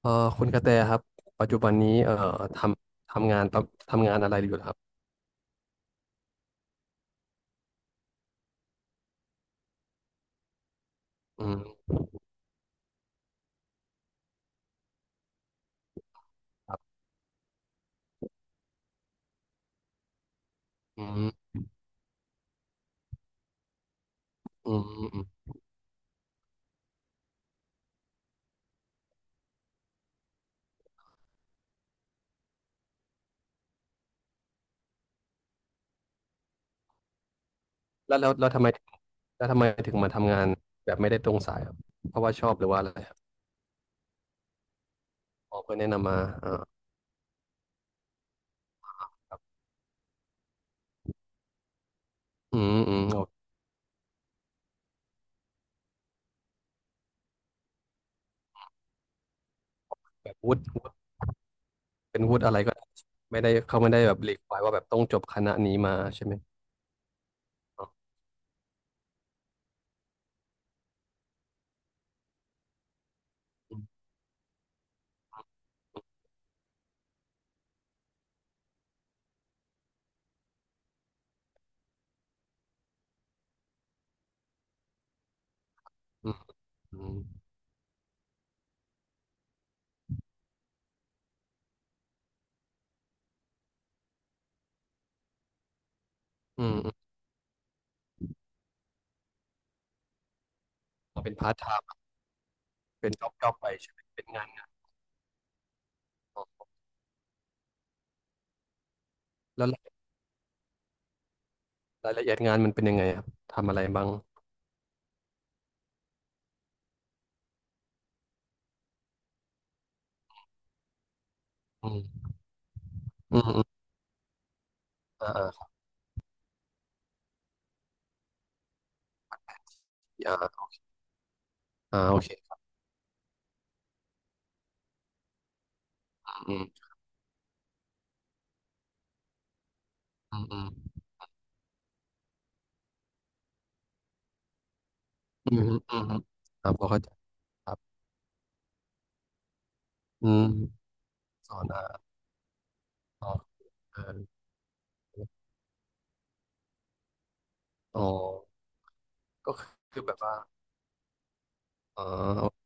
เอ่อคุณกระแตครับปัจจุบันนี้ทำทำงานประทำงานอะไรอยู่เหรอครับอืมครับอืมอืมอืมอืมแล้วแล้วแล้วทำไมแล้วทำไมถึงมาทำงานแบบไม่ได้ตรงสายครับเพราะว่าชอบหรือว่าอะไรครับอ๋อเพื่อนแนะนำมาอ่าอืมอืมโอเคแบบวุฒิวุฒิเป็นวุฒิอะไรก็ได้ไม่ได้เขาไม่ได้แบบรีควายว่าแบบต้องจบคณะนี้มาใช่ไหมอ๋ออืมอืมอืมอืมอืมอ๋อเป็นพาร์ทไทม์เป็นจ็อบไปใช่ไหมเป็นงานอ๋อแล้วรายละเอียดงานมันเป็นยังไงครับทำอะไรบ้างอืมอืม อ่าอ่าอ่าอ่าโอเคอืมอืมอืมอืมอืมอืมครับผมเข้าใจครับอืมสอนอ่าอ๋อเอออ๋อก็คือแบบว่าอ๋อ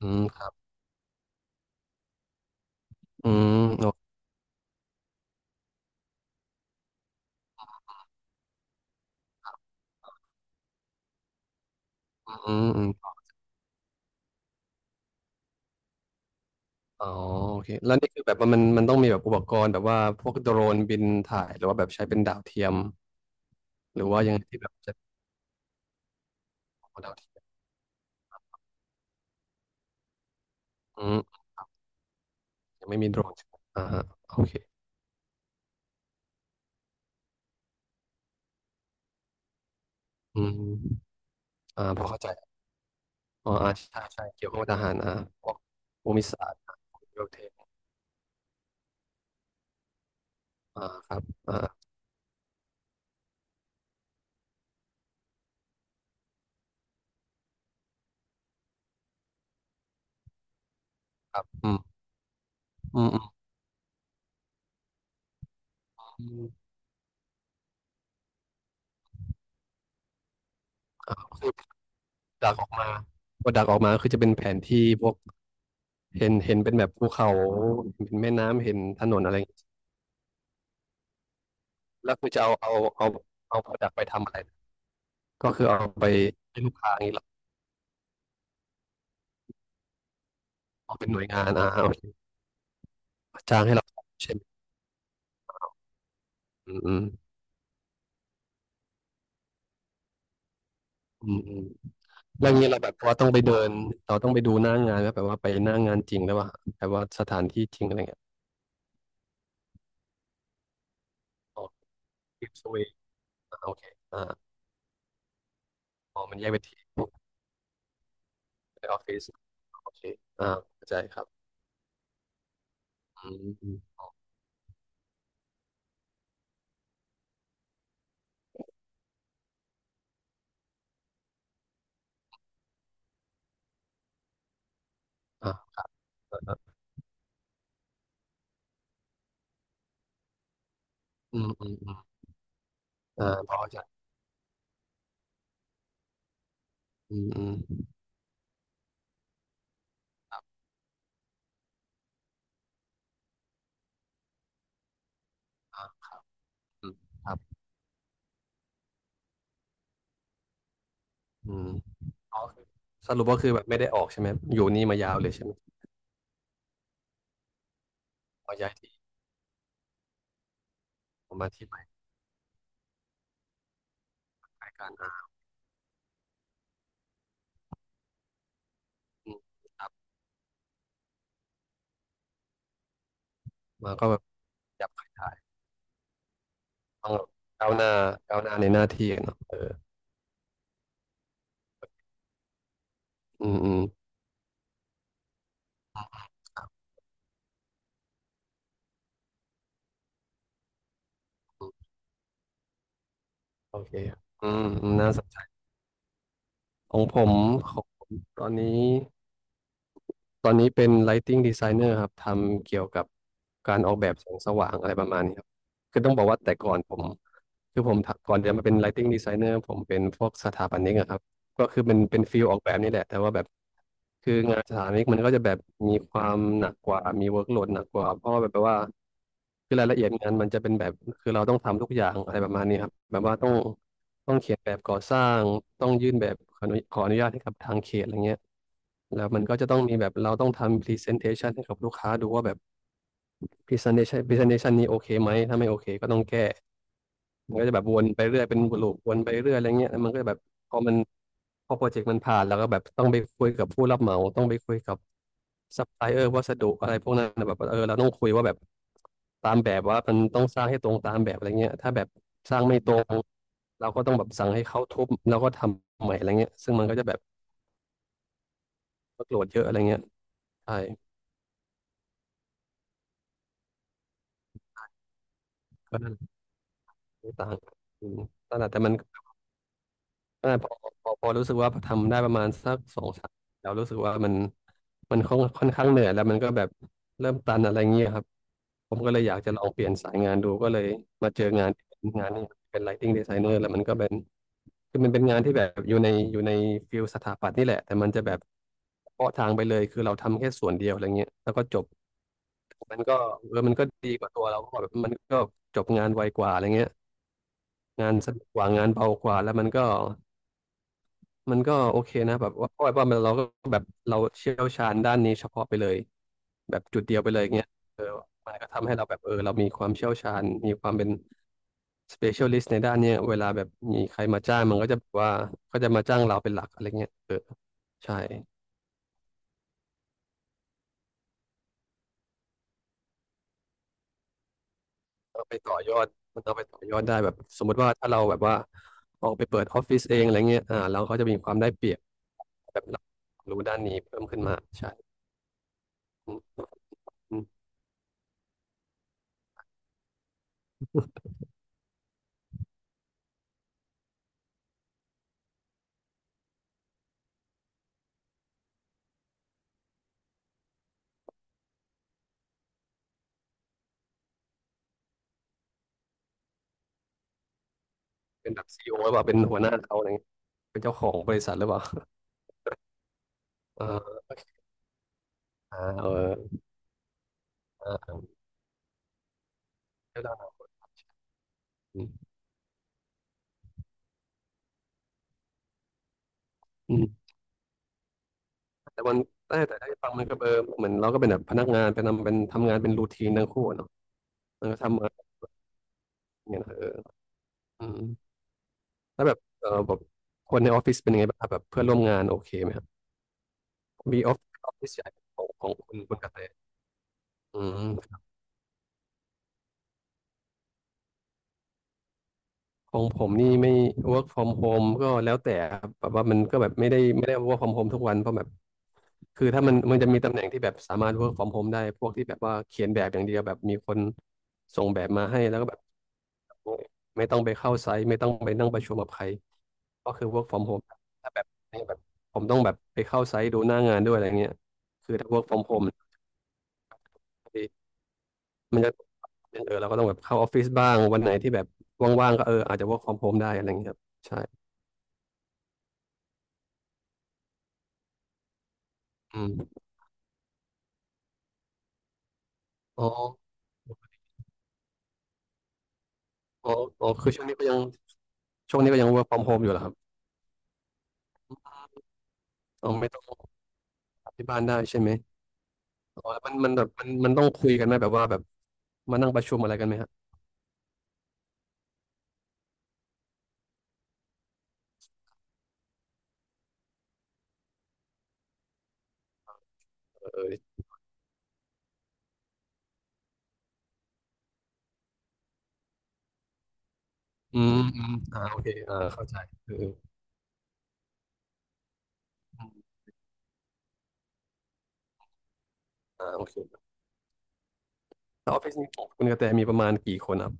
อืมครับอืมโออืมอืมอ๋อโอเคแล้วนี่คือแบบว่ามันต้องมีแบบอุปกรณ์แบบว่าพวกโดรนบินถ่ายหรือว่าแบบใช้เป็นดาวเทียมหรือว่ายังไงที่แบบใช้เป็นดาวเทียมอืมยังไม่มีโดรนใช่ไหมอ่าฮะโอเคอืมอ่าพอเข้าใจอ๋ออ่าใช่ใช่เกี่ยวกับทหารอ่าพวกภูมิศาสตร์โอาเท อ่าครับอ่าครับอืมอืมอืมอืมอ่าคือดักออกมาพอดักออกมาคือจะเป็นแผนที่พวกเห็นเป็นแบบภูเขาเห็นแม่น้ำเห็นถนนอะไรอย่างงี้แล้วคือจะเอาเอาเอาเอาพอดักไปทำอะไรก็คือเอาไปให้ลูกค้าอย่างนี้เหรอเอาเป็นหน่วยงานอ่าโอเคจ้างให้เราใช่ไหมอืมอืมอืมอืมแล้วอย่างนี้เราแบบว่าต้องไปเดินเราต้องไปดูหน้างานไหมแบบว่าไปหน้างานจริงหรือเปล่าแบบว่าสถานที่จริงอะไรเงี้ยอ๋อ Keep away อ่าโอเคอ่าอ๋อมันแยกไปนที่ในออฟฟิศ โอเคอ่าเข้าใจครับอืมอืมอ่าครับเออเอออืมอืมอืมอ่าพอเข้าใจอืมอืมอ่าอืมครับอืมอ๋อคือสรุปก็คือแบบไม่ได้ออกใช่ไหม อยู่นี่มายาวเลยใช่ไหมพอย้ายที่ผมมาที่ใหม่รายการอ่าอืมมาก็แบบอยับขยายต้องแบบก้าวหน้าก้าวหน้าในหน้าที่อะเนาะเอออืมอืมครับอืมโอเคอืมอืมน่าสนใจของผมของผมตอนนี้ ตอนนี้เป็น Lighting Designer ครับทำเกี่ยวกับการออกแบบแสงสว่างอะไรประมาณนี้ครับคือต้องบอกว่าแต่ก่อนผมคือผมทำก่อนจะมาเป็น Lighting Designer ผมเป็นพวกสถาปนิกอะครับก็คือเป็นฟิลออกแบบนี่แหละแต่ว่าแบบคืองานสถาปนิกมันก็จะแบบมีความหนักกว่ามี workload หนักกว่าเพราะว่าแบบแปลว่าคือรายละเอียดงานมันจะเป็นแบบคือเราต้องทำทุกอย่างอะไรประมาณนี้ครับแบบว่าต้อง ต้องเขียนแบบก่อสร้างต้องยื่นแบบขออนุญาตให้กับทางเขตอะไรเงี้ยแล้วมันก็จะต้องมีแบบเราต้องทำ presentation ให้กับลูกค้าดูว่าแบบ presentation นี้โอเคไหมถ้าไม่โอเคก็ต้องแก้ มันก็จะแบบวนไปเรื่อยเป็นลูปวนไปเรื่อยอะไรเงี้ยแล้วมันก็จะแบบพอมันพอโปรเจกต์มันผ่านแล้วก็แบบต้องไปคุยกับผู้รับเหมาต้องไปคุยกับซัพพลายเออร์วัสดุอะไรพวกนั้นนะแบบเออเราต้องคุยว่าแบบตามแบบว่ามันต้องสร้างให้ตรงตามแบบอะไรเงี้ยถ้าแบบสร้างไม่ตรงเราก็ต้องแบบสั่งให้เขาทุบแล้วก็ทำใหม่อะไรเงี้ยซึ่งมันก็จะแบบโกรธเยอะอะไรเงี้ยใช่ก็นั่นแหละไม่ต่างอืมนั่นแหละแต่มันก็พอรู้สึกว่าทำได้ประมาณสักสองสามแล้วรู้สึกว่ามัน มันค่อนข้างเหนื่อยแล้วมันก็แบบเริ่มตันอะไรเงี้ยครับผมก็เลยอยากจะลองเปลี่ยนสายงานดูก็เลยมาเจองานเป็นงานนี้เป็น Lighting Designer แล้วมันก็เป็นคือมันเป็นงานที่แบบอยู่ในฟิลสถาปัตย์นี่แหละแต่มันจะแบบเฉพาะทางไปเลยคือเราทำแค่ส่วนเดียวอะไรเงี้ยแล้วก็จบมันก็เออมันก็ดีกว่าตัวเราเพราะแบบมันก็จบงานไวกว่าอะไรเงี้ยงานสนุกกว่างานเบากว่าแล้วมันก็ มันก็โอเคนะแบบว่าเพราะว่ามันเราก็แบบเราเชี่ยวชาญด้านนี้เฉพาะไปเลยแบบจุดเดียวไปเลยเงี้ยเออมันก็ทำให้เราแบบเออเรามีความเชี่ยวชาญมีความเป็น specialist ในด้านเนี้ยเวลาแบบมีใครมาจ้างมันก็จะแบบว่าก็จะมาจ้างเราเป็นหลักอะไรเงี้ยเออใช่เอาไปต่อยอดมันเอาไปต่อยอดได้แบบสมมติว่าถ้าเราแบบว่าออกไปเปิดออฟฟิศเองอะไรเงี้ยเราก็จะมีความได้เปรียบแบบเรารู้ด้านนี้เพิ่มขึ้นมาใช่อืมอืมเป็นแบบCEOหรือเปล่าเป็นหัวหน้าเขาอะไรเงี้ย เป็นเจ้าของบริษัทหรือเปล่าเออโอเคเออใช่าได้ได้อืมอืมแต่มันได่แต่ได้ฟังมันก็เออเหมือนเราก็เป็นแบบพนักงานเป็นทำงานเป็นรูทีนทั้งคู่อะเนาะเอทำงานอย่างเงี้ยนะเอออืมแล้วแบบเออแบบคนในออฟฟิศเป็นยังไงบ้างครับแบบเพื่อนร่วมงานโอเคไหมครับมีออฟฟิศใหญ่ของคุณกระแตอืม ของผมนี่ไม่ work from home ก็แล้วแต่ครับแบบว่ามันก็แบบไม่ได้ work from home ทุกวันเพราะแบบคือถ้ามันจะมีตำแหน่งที่แบบสามารถ work from home ได้พวกที่แบบว่าเขียนแบบอย่างเดียวแบบมีคนส่งแบบมาให้แล้วก็แบบไม่ต้องไปเข้าไซต์ไม่ต้องไปนั่งประชุมกับใครก็คือ work from home ถ้าแบบในแบบผมต้องแบบไปเข้าไซต์ดูหน้างานด้วยอะไรเงี้ยคือถ้า work from home มันจะเป็นเออเราก็ต้องแบบเข้าออฟฟิศบ้างวันไหนที่แบบว่างๆก็เอออาจจะ work from home ได้อะไรเงี้ยครับใช่อืม อ๋ออ๋ออ๋อ คือช่วงนี้ก็ยังช่วงนี้ก็ยัง work from home อยู่เหรอครับอ๋อไม่ต้องกลับที่บ้านได้ใช่ไหมอ๋อแล้วมันมันแบบมันมันต้องคุยกันไหมแบบว่าแบบมานั่งประชุมอะไรกันไหมฮะเออออืมโอเคเข้าใจออเออโอเคแล้วออฟฟิศนี้ของคุณกระแตมีประมาณกี่คนครับ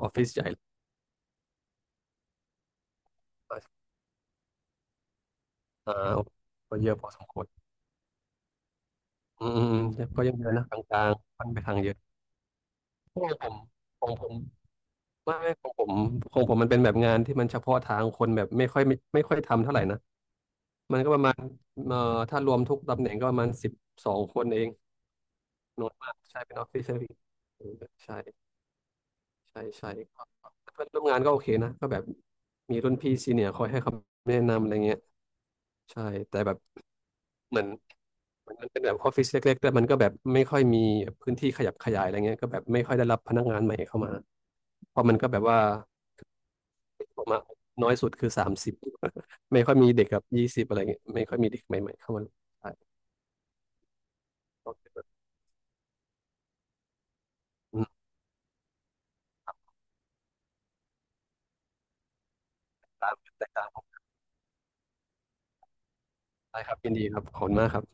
ออฟฟิศใหญ่หรือเปล่าโอเคก็เยอะพอสมควรอืมก็ยังเยอะนะกลางๆค่อนไปทางเยอะของผมของผมไม่ของผมมันเป็นแบบงานที่มันเฉพาะทางคนแบบไม่ค่อยทำเท่าไหร่นะ มันก็ประมาณเอ่อถ้ารวมทุกตำแหน่งก็ประมาณ12คนเองน้อยมากใช่เป็นออฟฟิศเซอร์วิสใช่ใช่ก็เพื่อนร่วมงานก็โอเคนะก็แบบมีรุ่นพี่ซีเนียร์คอยให้คำแนะนำอะไรเงี้ยใช่แต่แบบเหมือนมันเป็นแบบออฟฟิศเล็กๆแต่มันก็แบบไม่ค่อยมีพื้นที่ขยับขยายอะไรเงี้ยก็แบบไม่ค่อยได้รับพนักงานใหม่เข้ามาเพราะมันก็แบบว่าออกมาน้อยสุดคือ30 ไม่ค่อยมีเด็กกับ20อะไรเงี้ยไม่ค่อยมีเด็กใหม่ๆเข้ามาใช่อื ได้ครับยินดีครับขอบคุณมากครับ